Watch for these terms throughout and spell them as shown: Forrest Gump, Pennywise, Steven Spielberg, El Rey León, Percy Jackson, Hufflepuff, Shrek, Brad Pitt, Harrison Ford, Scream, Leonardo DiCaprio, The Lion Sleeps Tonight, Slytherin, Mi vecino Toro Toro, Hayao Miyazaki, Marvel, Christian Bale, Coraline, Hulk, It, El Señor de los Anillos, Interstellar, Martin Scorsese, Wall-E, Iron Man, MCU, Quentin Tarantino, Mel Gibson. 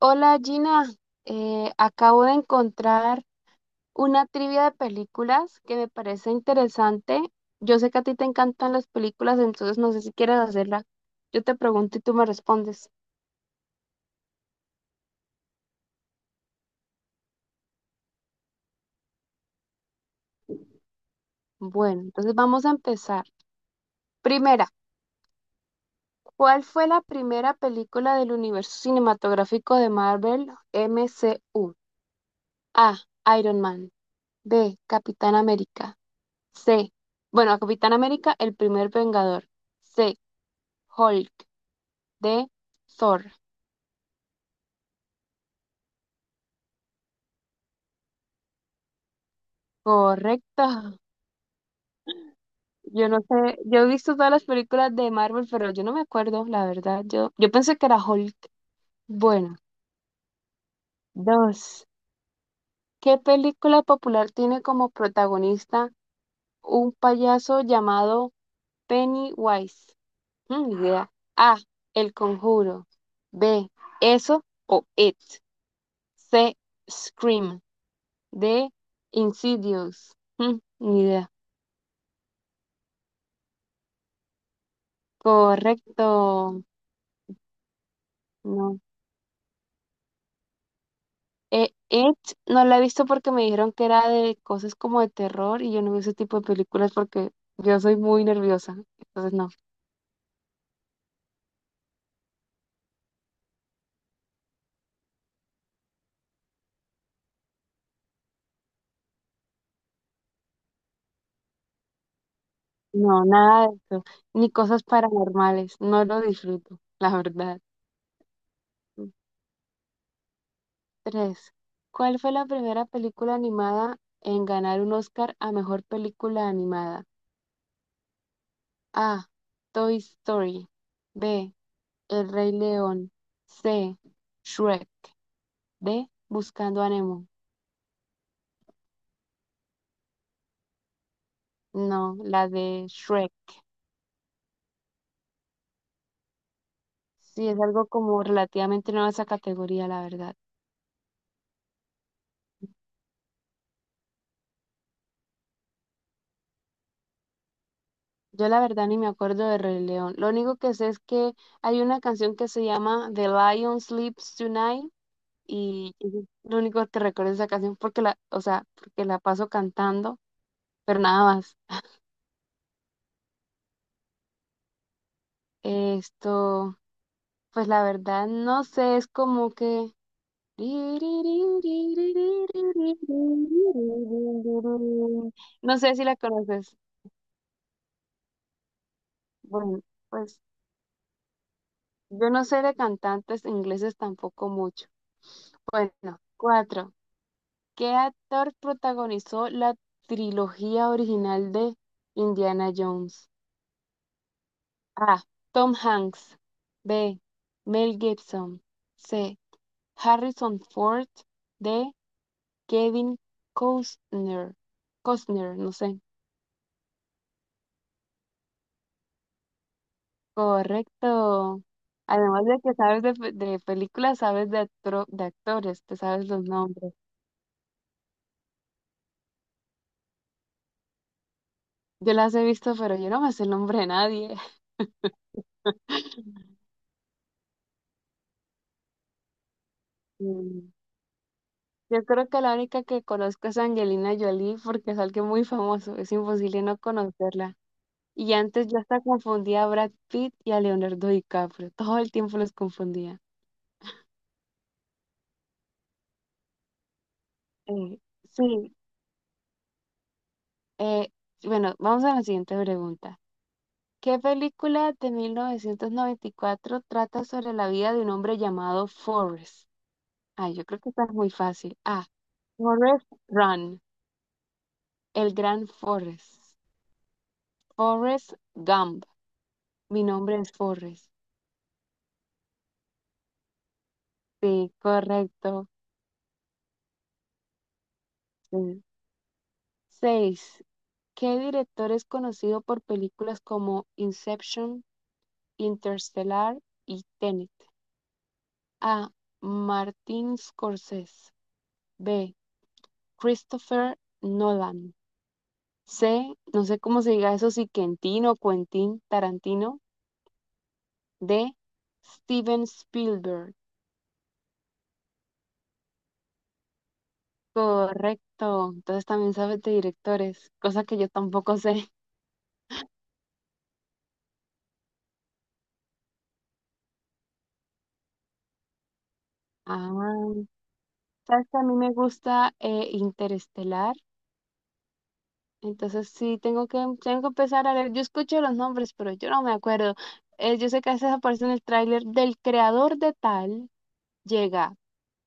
Hola Gina, acabo de encontrar una trivia de películas que me parece interesante. Yo sé que a ti te encantan las películas, entonces no sé si quieres hacerla. Yo te pregunto y tú me respondes. Bueno, entonces vamos a empezar. Primera, ¿cuál fue la primera película del universo cinematográfico de Marvel MCU? A. Iron Man. B. Capitán América. C. Bueno, Capitán América, el primer Vengador. C. Hulk. De Thor. Correcto. Yo no sé, yo he visto todas las películas de Marvel, pero yo no me acuerdo, la verdad. Yo pensé que era Hulk. Bueno, dos. ¿Qué película popular tiene como protagonista un payaso llamado Pennywise? Mm, ni idea. A. El Conjuro. B. Eso o It. C. Scream. D. Insidious. Mm, ni idea. Correcto. No. It no la he visto porque me dijeron que era de cosas como de terror y yo no veo ese tipo de películas porque yo soy muy nerviosa. Entonces no, no, nada de eso. Ni cosas paranormales. No lo disfruto, la verdad. Tres. ¿Cuál fue la primera película animada en ganar un Oscar a mejor película animada? A. Toy Story. B. El Rey León. C. Shrek. D. Buscando a Nemo. No, la de Shrek. Sí, es algo como relativamente nueva esa categoría, la verdad. Yo la verdad ni me acuerdo de Rey León. Lo único que sé es que hay una canción que se llama The Lion Sleeps Tonight y es lo único que recuerdo de esa canción porque la, o sea, porque la paso cantando, pero nada más. Esto, pues la verdad no sé, es como que no sé si la conoces. Bueno, pues yo no sé de cantantes ingleses tampoco mucho. Bueno, cuatro. ¿Qué actor protagonizó la trilogía original de Indiana Jones? A. Tom Hanks. B. Mel Gibson. C. Harrison Ford. D. Kevin Costner. Costner, no sé. Correcto. Además de que sabes de, pe- de películas, sabes de, actro- de actores, te sabes los nombres. Yo las he visto, pero yo no me sé el nombre de nadie. Mm. Yo creo que la única que conozco es Angelina Jolie porque es alguien muy famoso. Es imposible no conocerla. Y antes yo hasta confundía a Brad Pitt y a Leonardo DiCaprio. Todo el tiempo los confundía. Eh, sí, eh, bueno, vamos a la siguiente pregunta. ¿Qué película de 1994 trata sobre la vida de un hombre llamado Forrest? Ay, yo creo que esta es muy fácil. Ah, Forrest Run, el gran Forrest. Forrest Gump. Mi nombre es Forrest. Sí, correcto. Sí. Seis. ¿Qué director es conocido por películas como Inception, Interstellar y Tenet? A. Martin Scorsese. B. Christopher Nolan. C. No sé cómo se diga eso, si Quentin o Quentin Tarantino. D. Steven Spielberg. Correcto. Entonces también sabes de directores, cosa que yo tampoco sé. Ah, sabes que a mí me gusta Interestelar, entonces sí tengo que empezar a leer. Yo escucho los nombres, pero yo no me acuerdo. Yo sé que a veces aparece en el tráiler del creador de tal, llega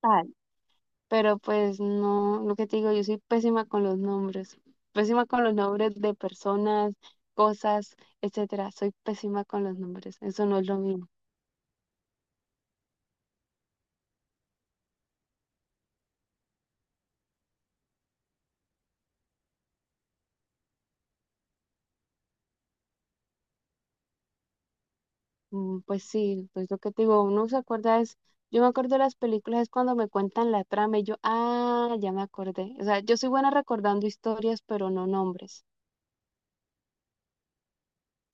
tal, pero pues no, lo que te digo, yo soy pésima con los nombres, pésima con los nombres de personas, cosas, etcétera. Soy pésima con los nombres, eso no es lo mío. Mm, pues sí, pues lo que te digo, uno se acuerda es, yo me acuerdo de las películas es cuando me cuentan la trama y yo, ah, ya me acordé. O sea, yo soy buena recordando historias, pero no nombres.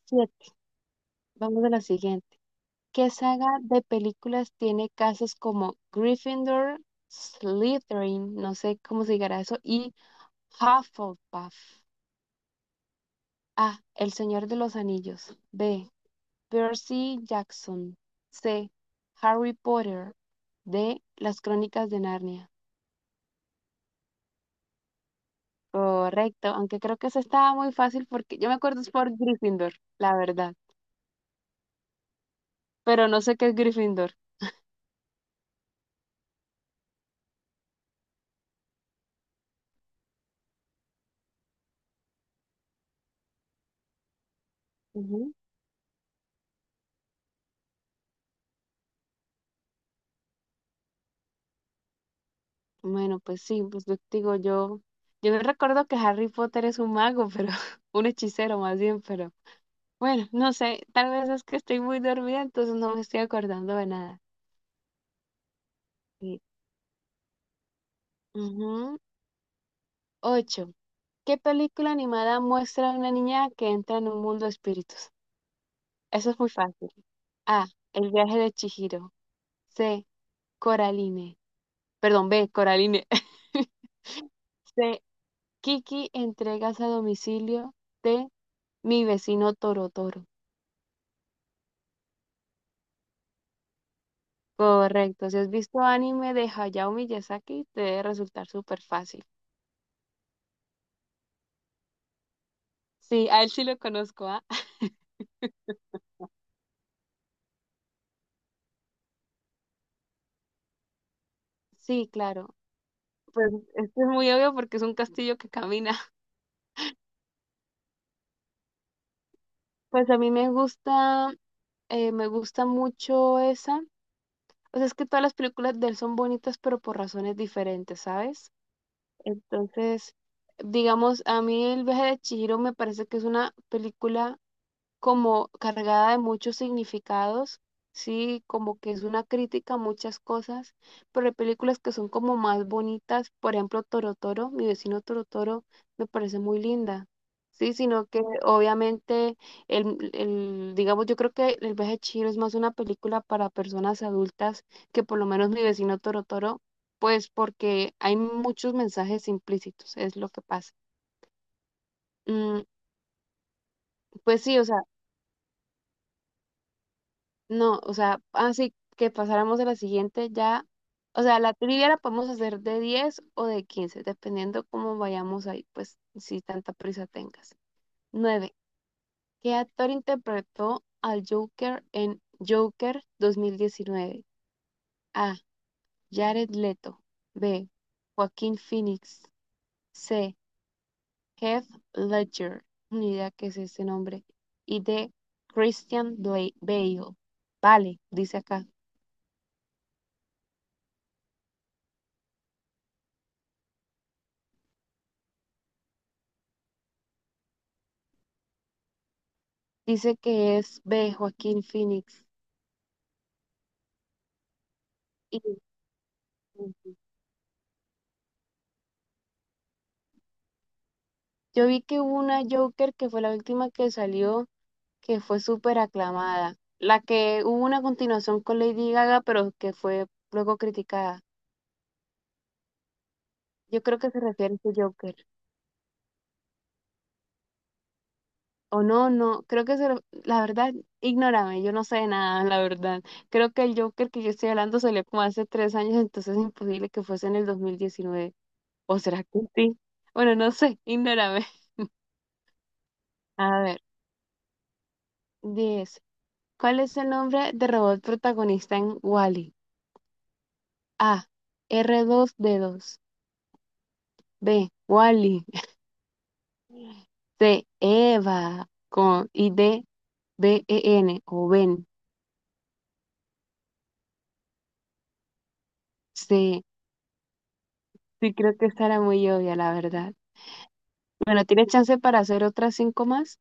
Siete, vamos a la siguiente. ¿Qué saga de películas tiene casas como Gryffindor, Slytherin, no sé cómo se llegará eso, y Hufflepuff? A, El Señor de los Anillos. B, Percy Jackson. C, Harry Potter. D, Las Crónicas de Narnia. Correcto, aunque creo que eso estaba muy fácil porque yo me acuerdo es por Gryffindor, la verdad, pero no sé qué es Gryffindor. Ujú. Bueno, pues sí, pues yo te digo yo, yo no recuerdo que Harry Potter es un mago, pero un hechicero más bien, pero bueno, no sé, tal vez es que estoy muy dormida, entonces no me estoy acordando de nada. Sí. Ujú. Ocho. ¿Qué película animada muestra a una niña que entra en un mundo de espíritus? Eso es muy fácil. A. El viaje de Chihiro. C. Coraline. Perdón, B, Coraline. C, Kiki, entregas a domicilio de mi vecino Toro Toro. Correcto. Si has visto anime de Hayao Miyazaki, te debe resultar súper fácil. Sí, a él sí lo conozco, ¿ah? Sí, claro. Pues esto es muy obvio porque es un castillo que camina. Pues a mí me gusta mucho esa. O sea, es que todas las películas de él son bonitas, pero por razones diferentes, ¿sabes? Entonces, digamos, a mí El viaje de Chihiro me parece que es una película como cargada de muchos significados, sí, como que es una crítica a muchas cosas, pero hay películas que son como más bonitas, por ejemplo, Toro Toro, mi vecino Toro Toro, me parece muy linda. Sí, sino que obviamente digamos, yo creo que El viaje de Chihiro es más una película para personas adultas que por lo menos mi vecino Toro Toro, pues porque hay muchos mensajes implícitos, es lo que pasa. Mm, pues sí, o sea, no, o sea, así que pasáramos a la siguiente ya. O sea, la trivia la podemos hacer de 10 o de 15 dependiendo cómo vayamos ahí, pues si tanta prisa tengas. Nueve. ¿Qué actor interpretó al Joker en Joker 2019? A. Jared Leto. B. Joaquín Phoenix. C. Heath Ledger. Ni idea qué es ese nombre. Y D. Christian Bale. Vale, dice acá. Dice que es B, Joaquín Phoenix. Y yo vi que hubo una Joker que fue la última que salió, que fue súper aclamada. La que hubo una continuación con Lady Gaga, pero que fue luego criticada. Yo creo que se refiere a ese Joker. O no, no, creo que se... La verdad, ignórame, yo no sé de nada, la verdad. Creo que el Joker que yo estoy hablando salió como hace 3 años, entonces es imposible que fuese en el 2019. ¿O será que sí? Bueno, no sé, ignórame. A ver. Diez. ¿Cuál es el nombre de robot protagonista en Wall-E? A. R2-D2. B. Wall-E. C. Eva. Con, y D. BEN o Ben. C. Sí, creo que estará muy obvia, la verdad. Bueno, tienes chance para hacer otras 5 más.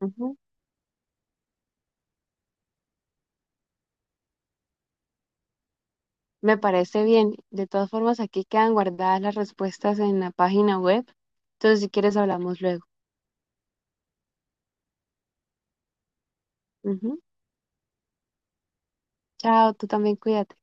Ujú. Me parece bien. De todas formas, aquí quedan guardadas las respuestas en la página web. Entonces, si quieres, hablamos luego. Ujú. Chao, tú también cuídate.